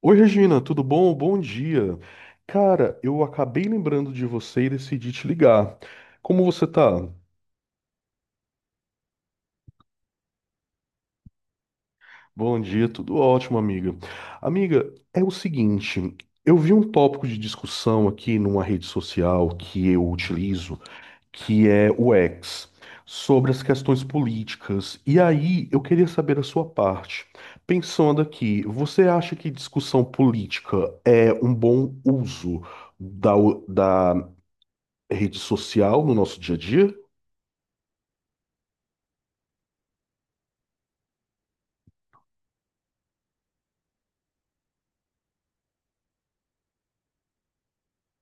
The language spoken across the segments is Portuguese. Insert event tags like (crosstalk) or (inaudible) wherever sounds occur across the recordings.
Oi, Regina, tudo bom? Bom dia. Cara, eu acabei lembrando de você e decidi te ligar. Como você tá? Bom dia, tudo ótimo, amiga. Amiga, é o seguinte, eu vi um tópico de discussão aqui numa rede social que eu utilizo, que é o X, sobre as questões políticas. E aí, eu queria saber a sua parte. Pensando aqui, você acha que discussão política é um bom uso da, rede social no nosso dia a dia?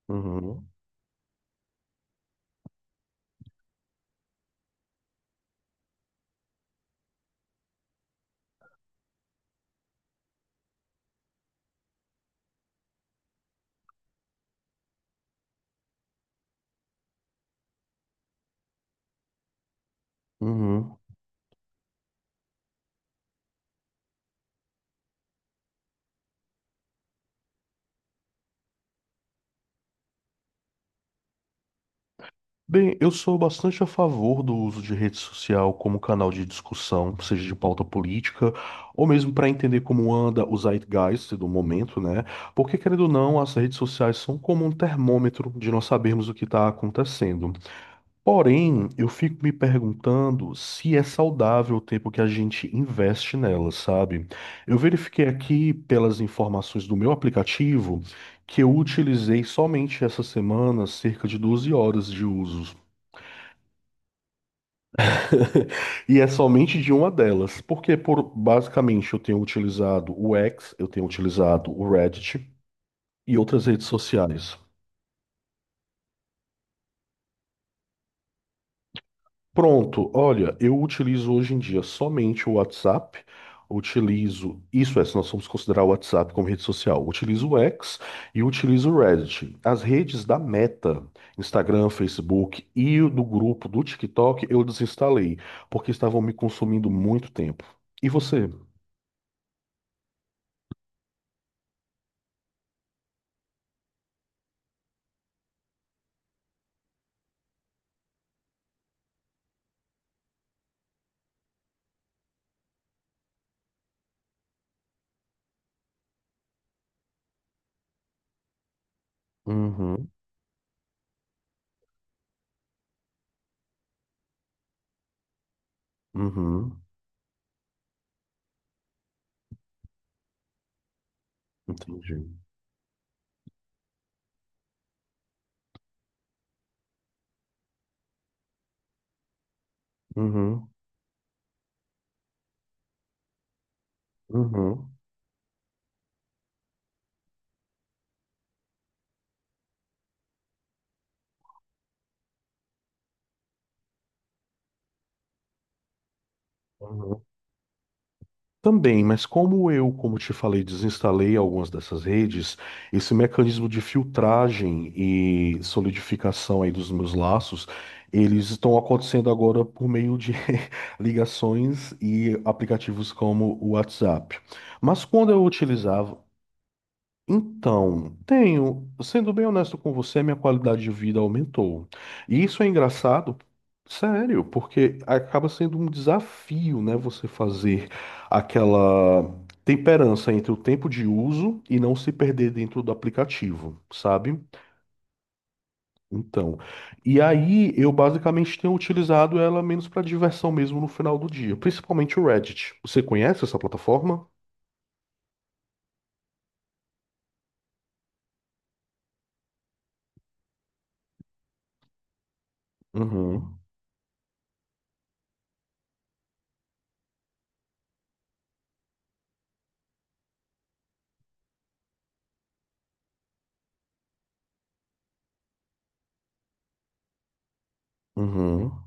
Uhum, uhum. Bem, eu sou bastante a favor do uso de rede social como canal de discussão, seja de pauta política, ou mesmo para entender como anda o zeitgeist do momento, né? Porque, querendo ou não, as redes sociais são como um termômetro de nós sabermos o que está acontecendo. Porém, eu fico me perguntando se é saudável o tempo que a gente investe nela, sabe? Eu verifiquei aqui pelas informações do meu aplicativo que eu utilizei somente essa semana cerca de 12 horas de uso. (laughs) E é somente de uma delas, porque por basicamente eu tenho utilizado o X, eu tenho utilizado o Reddit e outras redes sociais. Pronto, olha, eu utilizo hoje em dia somente o WhatsApp. Utilizo, isso é, se nós formos considerar o WhatsApp como rede social, utilizo o X e utilizo o Reddit. As redes da Meta, Instagram, Facebook e o do grupo do TikTok, eu desinstalei, porque estavam me consumindo muito tempo. E você? Uhum, uhum, entendi. Uhum, uhum, uhum. Também, mas como eu, como te falei, desinstalei algumas dessas redes, esse mecanismo de filtragem e solidificação aí dos meus laços, eles estão acontecendo agora por meio de (laughs) ligações e aplicativos como o WhatsApp. Mas quando eu utilizava, então, tenho, sendo bem honesto com você, minha qualidade de vida aumentou. E isso é engraçado, sério, porque acaba sendo um desafio, né, você fazer aquela temperança entre o tempo de uso e não se perder dentro do aplicativo, sabe? Então, e aí eu basicamente tenho utilizado ela menos para diversão mesmo no final do dia, principalmente o Reddit. Você conhece essa plataforma? Uhum, uhum,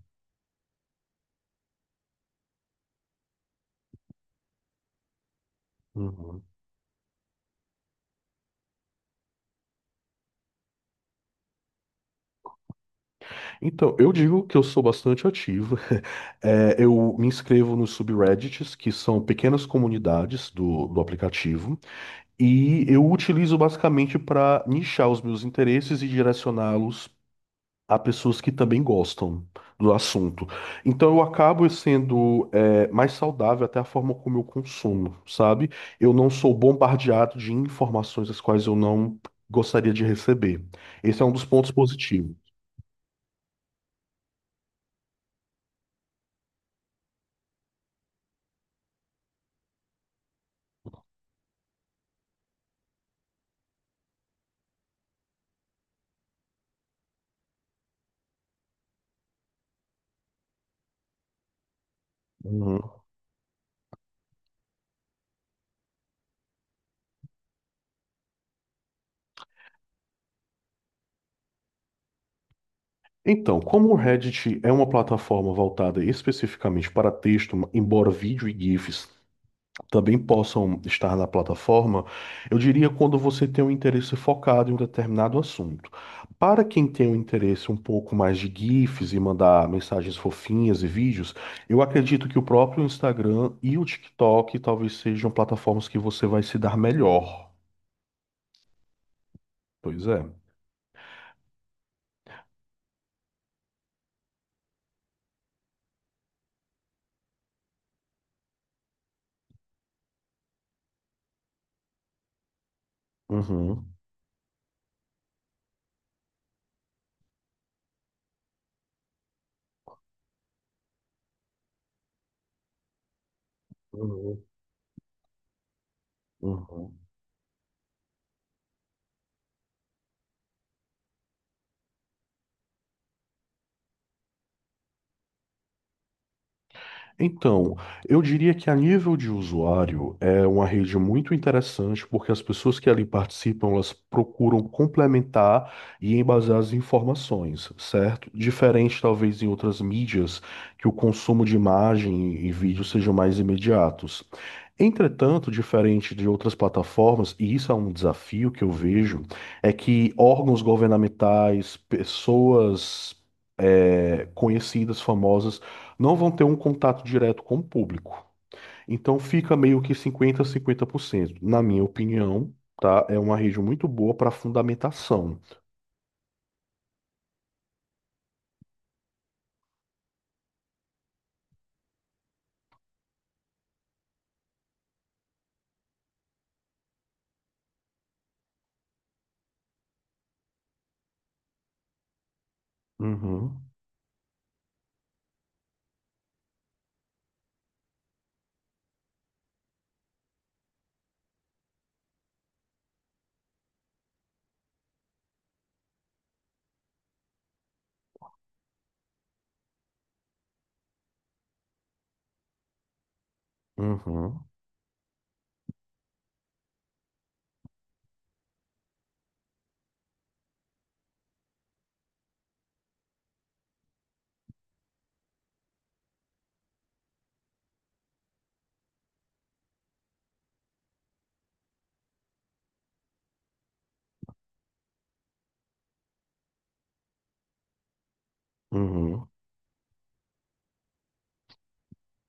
uhum. Então, eu digo que eu sou bastante ativo. (laughs) É, eu me inscrevo nos subreddits, que são pequenas comunidades do aplicativo, e eu utilizo basicamente para nichar os meus interesses e direcioná-los a pessoas que também gostam do assunto. Então, eu acabo sendo, é, mais saudável até a forma como eu consumo, sabe? Eu não sou bombardeado de informações as quais eu não gostaria de receber. Esse é um dos pontos positivos. Uhum. Então, como o Reddit é uma plataforma voltada especificamente para texto, embora vídeo e GIFs também possam estar na plataforma, eu diria quando você tem um interesse focado em um determinado assunto. Para quem tem um interesse um pouco mais de GIFs e mandar mensagens fofinhas e vídeos, eu acredito que o próprio Instagram e o TikTok talvez sejam plataformas que você vai se dar melhor. Pois é. Uhum. Uhum. Uhum. Então, eu diria que a nível de usuário é uma rede muito interessante porque as pessoas que ali participam, elas procuram complementar e embasar as informações, certo? Diferente talvez em outras mídias que o consumo de imagem e vídeo sejam mais imediatos. Entretanto, diferente de outras plataformas, e isso é um desafio que eu vejo, é que órgãos governamentais, pessoas conhecidas, famosas não vão ter um contato direto com o público. Então fica meio que 50 a 50%, na minha opinião, tá? É uma rede muito boa para fundamentação. Uhum, uhum, uhum.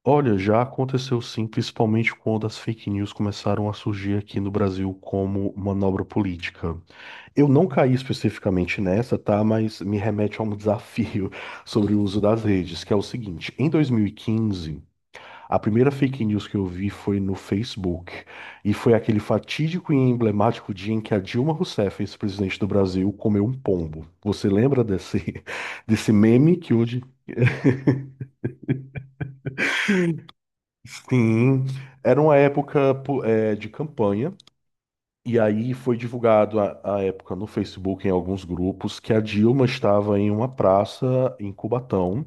Olha, já aconteceu sim, principalmente quando as fake news começaram a surgir aqui no Brasil como manobra política. Eu não caí especificamente nessa, tá? Mas me remete a um desafio (laughs) sobre o uso das redes, que é o seguinte: em 2015, a primeira fake news que eu vi foi no Facebook, e foi aquele fatídico e emblemático dia em que a Dilma Rousseff, ex-presidente do Brasil, comeu um pombo. Você lembra desse, (laughs) desse meme que hoje. Sim, era uma época de campanha, e aí foi divulgado à época no Facebook, em alguns grupos, que a Dilma estava em uma praça em Cubatão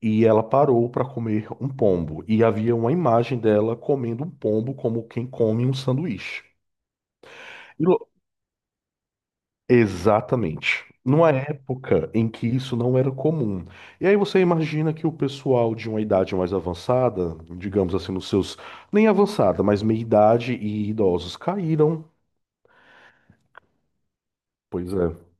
e ela parou para comer um pombo. E havia uma imagem dela comendo um pombo como quem come um sanduíche. Exatamente. Numa época em que isso não era comum. E aí você imagina que o pessoal de uma idade mais avançada, digamos assim, nos seus, nem avançada, mas meia-idade e idosos caíram. Pois é.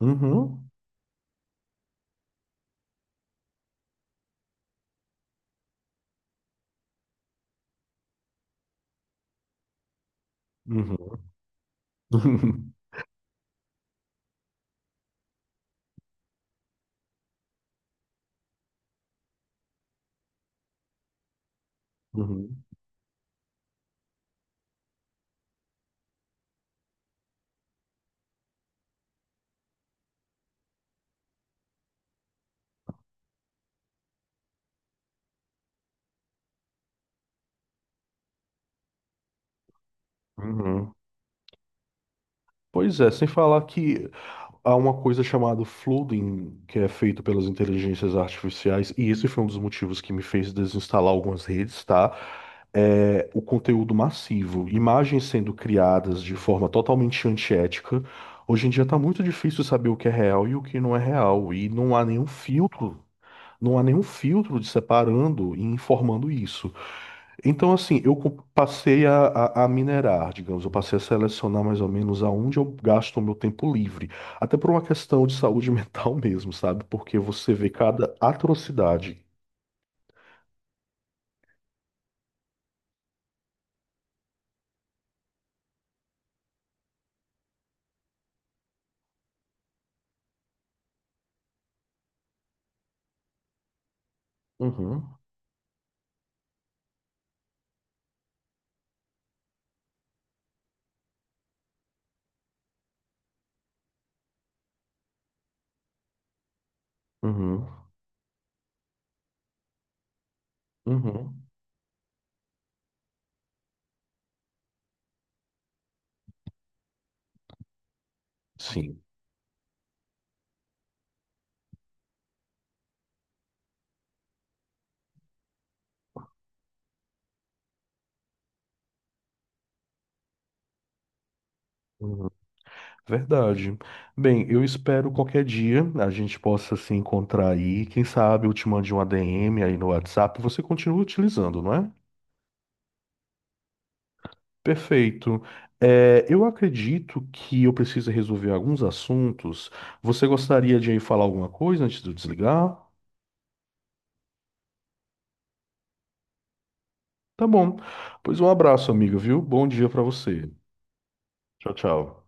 Uhum. Uhum. (laughs) Uhum. Uhum. Pois é, sem falar que há uma coisa chamada flooding, que é feito pelas inteligências artificiais, e esse foi um dos motivos que me fez desinstalar algumas redes, tá? É o conteúdo massivo, imagens sendo criadas de forma totalmente antiética. Hoje em dia tá muito difícil saber o que é real e o que não é real, e não há nenhum filtro de separando e informando isso. Então, assim, passei a minerar, digamos, eu passei a selecionar mais ou menos aonde eu gasto o meu tempo livre. Até por uma questão de saúde (laughs) mental mesmo, sabe? Porque você vê cada atrocidade. Uhum, uhum, uhum. Sim. Uhum. Verdade. Bem, eu espero qualquer dia a gente possa se encontrar aí. Quem sabe eu te mande um ADM aí no WhatsApp. Você continua utilizando, não é? Perfeito. É, eu acredito que eu preciso resolver alguns assuntos. Você gostaria de aí falar alguma coisa antes de eu desligar? Tá bom. Pois um abraço, amiga, viu? Bom dia pra você. Tchau, tchau.